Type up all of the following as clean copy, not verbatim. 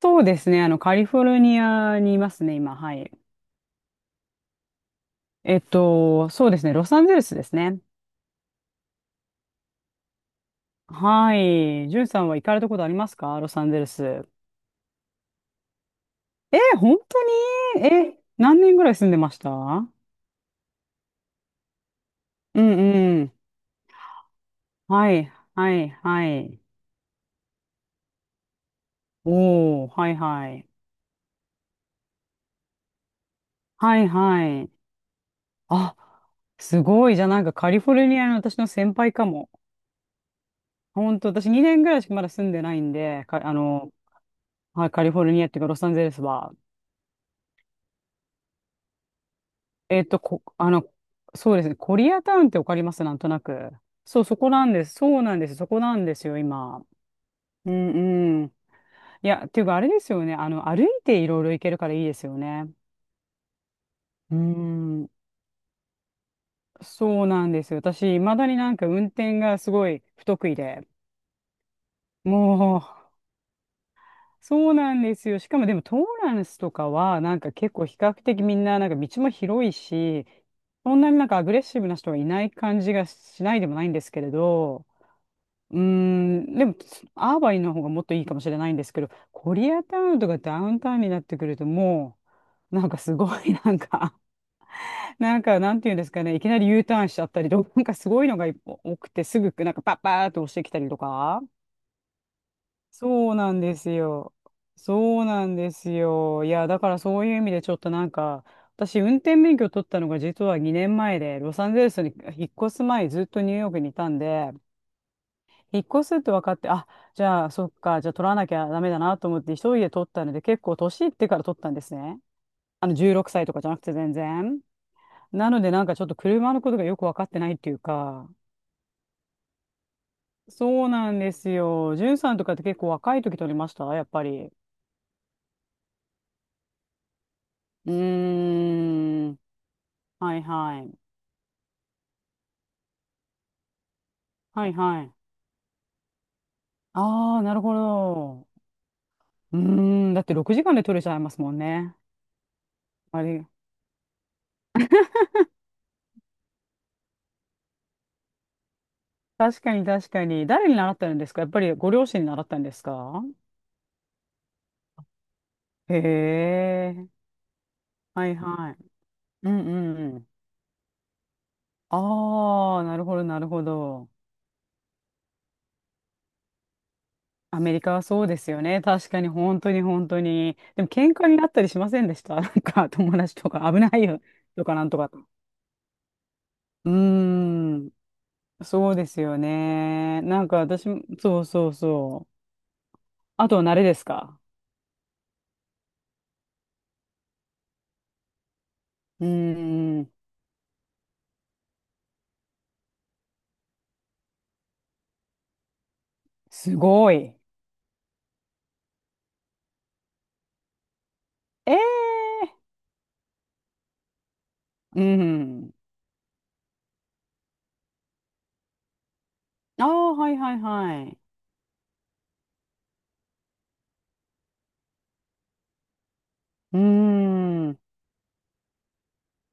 そうですね。カリフォルニアにいますね、今。はい。そうですね。ロサンゼルスですね。はい。ジュンさんは行かれたことありますか、ロサンゼルス。本当に何年ぐらい住んでました？うんうん。はい、はい、はい。おー、はい、はい。はい、はい。あ、すごい。じゃあなんかカリフォルニアの私の先輩かも。本当、私2年ぐらいしかまだ住んでないんで、か、あの、はい、カリフォルニアっていうかロサンゼルスは。えっと、こ、あの、そうですね。コリアタウンってわかります、なんとなく？そう、そこなんです。そうなんです。そこなんですよ、今。うんうん。いや、っていうか、あれですよね。歩いていろいろ行けるからいいですよね。うん。そうなんですよ。私、いまだになんか運転がすごい不得意で。もう、そうなんですよ。しかもでも、トーランスとかは、なんか結構比較的みんな、なんか道も広いし、そんなになんかアグレッシブな人はいない感じがしないでもないんですけれど、でも、アーバインの方がもっといいかもしれないんですけど、コリアタウンとかダウンタウンになってくると、もう、なんかすごい、なんか、なんか、なんていうんですかね、いきなり U ターンしちゃったりとか、なんかすごいのが多くて、すぐ、なんかパッパーっと押してきたりとか。そうなんですよ。そうなんですよ。いや、だからそういう意味でちょっとなんか、私、運転免許取ったのが実は2年前で、ロサンゼルスに引っ越す前、ずっとニューヨークにいたんで、引っ越すって分かって、あ、じゃあ、そっか、じゃあ取らなきゃダメだなと思って、一人で取ったので、結構年いってから取ったんですね。16歳とかじゃなくて全然。なので、なんかちょっと車のことがよく分かってないっていうか、そうなんですよ。じゅんさんとかって結構若い時取りました、やっぱり？うーん。はいはい。はいはい。ああ、なるほど。うーん。だって6時間で取れちゃいますもんね。あれ、確かに確かに。誰に習ってるんですか、やっぱりご両親に習ったんですか？へえ、はいはい。うんうんうん。ああ、なるほど、なるほど。アメリカはそうですよね。確かに、本当に、本当に。でも、喧嘩になったりしませんでした？ なんか、友達とか、危ないよ、とか、なんとかと。うーん、そうですよね。なんか、私も、そうそうそう。あとは、慣れですか？うーん、すごい。ええー、うん。ああ、はいはいはい。うーん。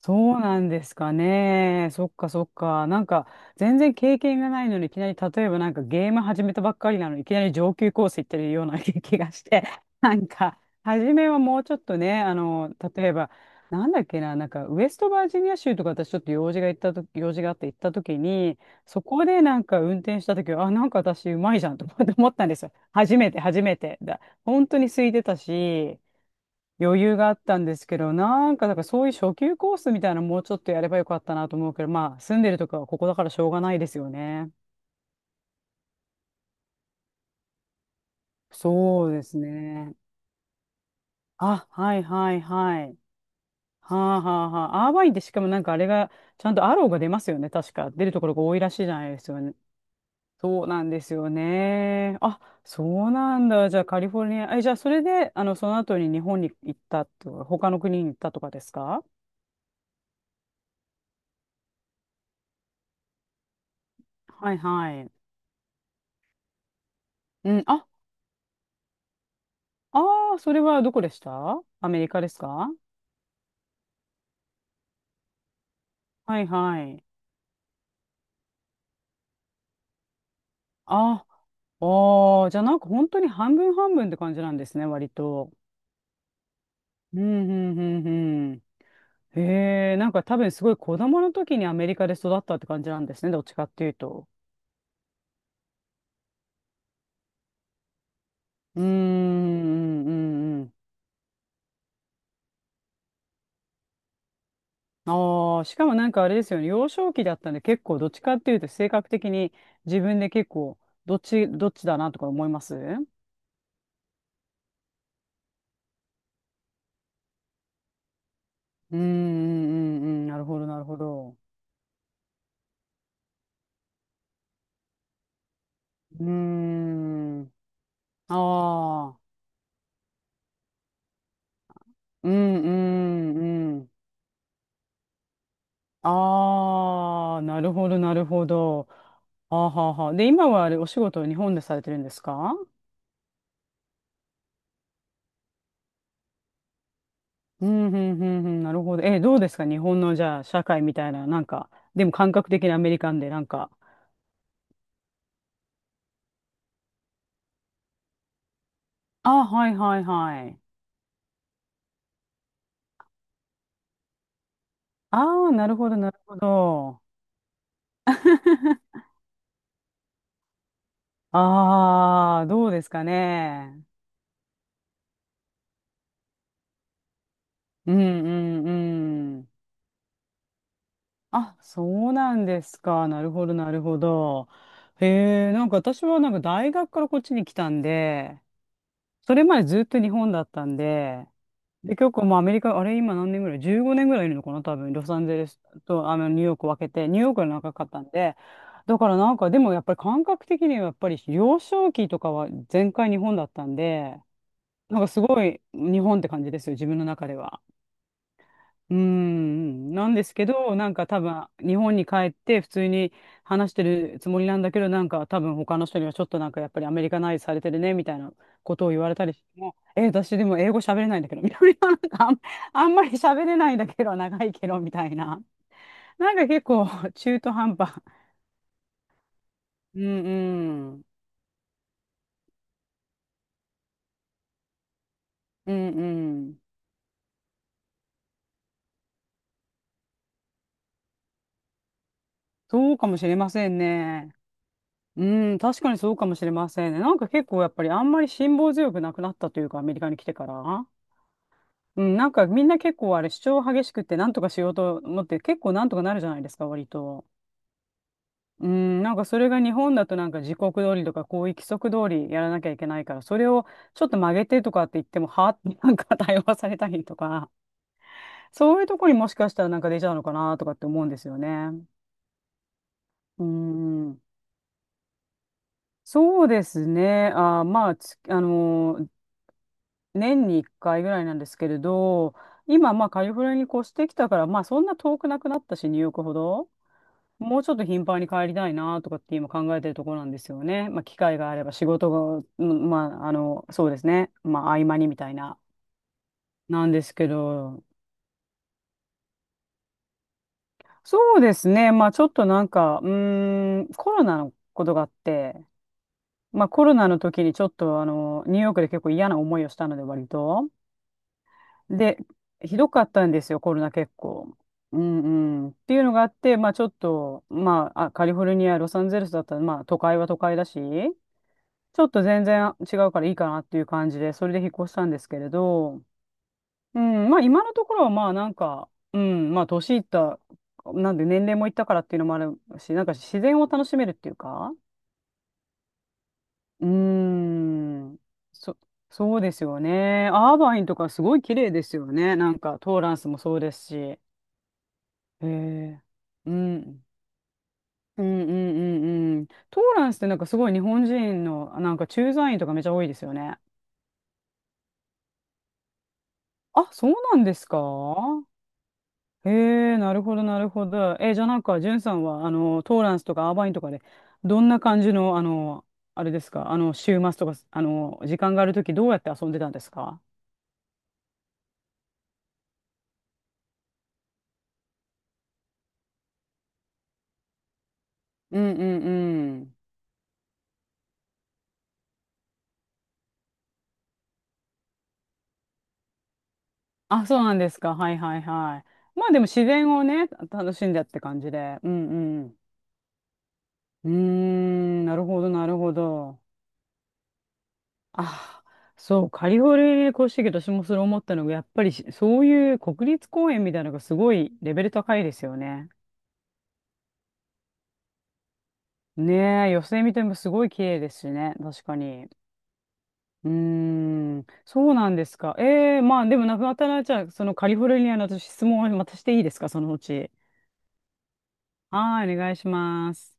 そうなんですかね。そっかそっか。なんか、全然経験がないのに、いきなり、例えばなんかゲーム始めたばっかりなのに、いきなり上級コース行ってるような 気がして、なんか、初めはもうちょっとね、例えば、なんだっけな、なんか、ウェストバージニア州とか私ちょっと用事があって行った時に、そこでなんか運転した時は、あ、なんか私うまいじゃんと思ったんですよ。初めて、初めてだ。本当に空いてたし、余裕があったんですけど、なんか、だからそういう初級コースみたいなのもうちょっとやればよかったなと思うけど、まあ、住んでるとこはここだからしょうがないですよね。そうですね。あ、はいはいはい。はあはあはあ。アーバインってしかもなんかあれが、ちゃんとアローが出ますよね。確か。出るところが多いらしいじゃないですよね。そうなんですよね。あ、そうなんだ。じゃあカリフォルニア。え、じゃあそれで、その後に日本に行ったとか、他の国に行ったとかですか？はいはい。うん、あ、ああ、それはどこでした、アメリカですか？はいはい。あ、ああ、じゃあなんか本当に半分半分って感じなんですね、割と。うん、うん、うん、うん。へえ、なんか多分すごい子供の時にアメリカで育ったって感じなんですね、どっちかっていうと。うーん、うん、うん。ああ、しかもなんかあれですよね、幼少期だったんで結構どっちかっていうと性格的に自分で結構どっちだなとか思います？うん、うん、うん、うん、なるほど、なるほど。うーん。ああ。うん、うん、うん。ああ、なるほど、なるほど。あはははで、今はあれ、お仕事を日本でされてるんですか？うん、うん、うん、うん。なるほど。え、どうですか日本の、じゃあ、社会みたいな、なんか、でも感覚的にアメリカンで、なんか。あ、はい、はい、はい。ああ、なるほど、なるほど。ああ、どうですかね。うん、うん、うん。あ、そうなんですか。なるほど、なるほど。へえ、なんか私はなんか大学からこっちに来たんで、それまでずっと日本だったんで、で、結構もうアメリカ、あれ今何年ぐらい？ 15 年ぐらいいるのかな多分、ロサンゼルスとニューヨークを分けて、ニューヨークが長かったんで、だからなんかでもやっぱり感覚的にはやっぱり幼少期とかは全開日本だったんで、なんかすごい日本って感じですよ、自分の中では。なんですけど、なんか多分、日本に帰って普通に話してるつもりなんだけど、なんか多分他の人にはちょっとなんかやっぱりアメリカナイズされてるね、みたいなことを言われたりしても、え、私でも英語喋れないんだけど、みたいな、あんまり喋れないんだけど、長いけど、みたいな。なんか結構中途半端。うんうん。うんうん。そうかもしれませんね。うん、確かにそうかもしれませんね。なんか結構やっぱりあんまり辛抱強くなくなったというか、アメリカに来てから。うん、なんかみんな結構あれ主張激しくって、なんとかしようと思って結構なんとかなるじゃないですか、割と。うん、なんかそれが日本だとなんか時刻通りとかこういう規則通りやらなきゃいけないから、それをちょっと曲げてとかって言ってもはあって なんか対応されたりとか、そういうところにもしかしたらなんか出ちゃうのかなとかって思うんですよね。うん、そうですね。あ、まあ、つあのー年に1回ぐらいなんですけれど、今まあカリフォルニアに越してきたから、まあそんな遠くなくなったし、ニューヨークほど。もうちょっと頻繁に帰りたいなとかって今考えてるところなんですよね。まあ、機会があれば仕事が、うんまあ、そうですね。まあ、合間にみたいな、なんですけど、そうですね。まあ、ちょっとなんか、コロナのことがあって、まあ、コロナの時にちょっと、ニューヨークで結構嫌な思いをしたので、割と。で、ひどかったんですよ、コロナ結構。うんうん、っていうのがあって、まあちょっと、まあ、カリフォルニア、ロサンゼルスだったら、まあ都会は都会だし、ちょっと全然違うからいいかなっていう感じで、それで引っ越したんですけれど、うん、まあ今のところはまあなんか、うん、まあ年いった、なんで年齢もいったからっていうのもあるし、なんか自然を楽しめるっていうか、うーん、そ、そうですよね。アーバインとかすごい綺麗ですよね。なんかトーランスもそうですし。へえ。うん。うんうんうんうん。トーランスってなんかすごい日本人のなんか駐在員とかめちゃ多いですよね。あ、そうなんですか？ええなるほど、なるほど。えじゃあなんか、ジュンさんは、トーランスとかアーバインとかで、どんな感じの、あれですか、週末とか、時間があるとき、どうやって遊んでたんですか？うんうんうん。あ、そうなんですか。はいはいはい。まあでも自然をね、楽しんだって感じで。うんうん。うーん、なるほどなるほど。あ、そう、カリフォルニアに越してきて私もそれ思ったのが、やっぱりしそういう国立公園みたいなのがすごいレベル高いですよね。ねえ、寄せ見てもすごい綺麗ですしね、確かに。うーん、そうなんですか。ええまあでもなくなったら、じゃあ、そのカリフォルニアの私質問をまたしていいですか、そのうち。はい、お願いします。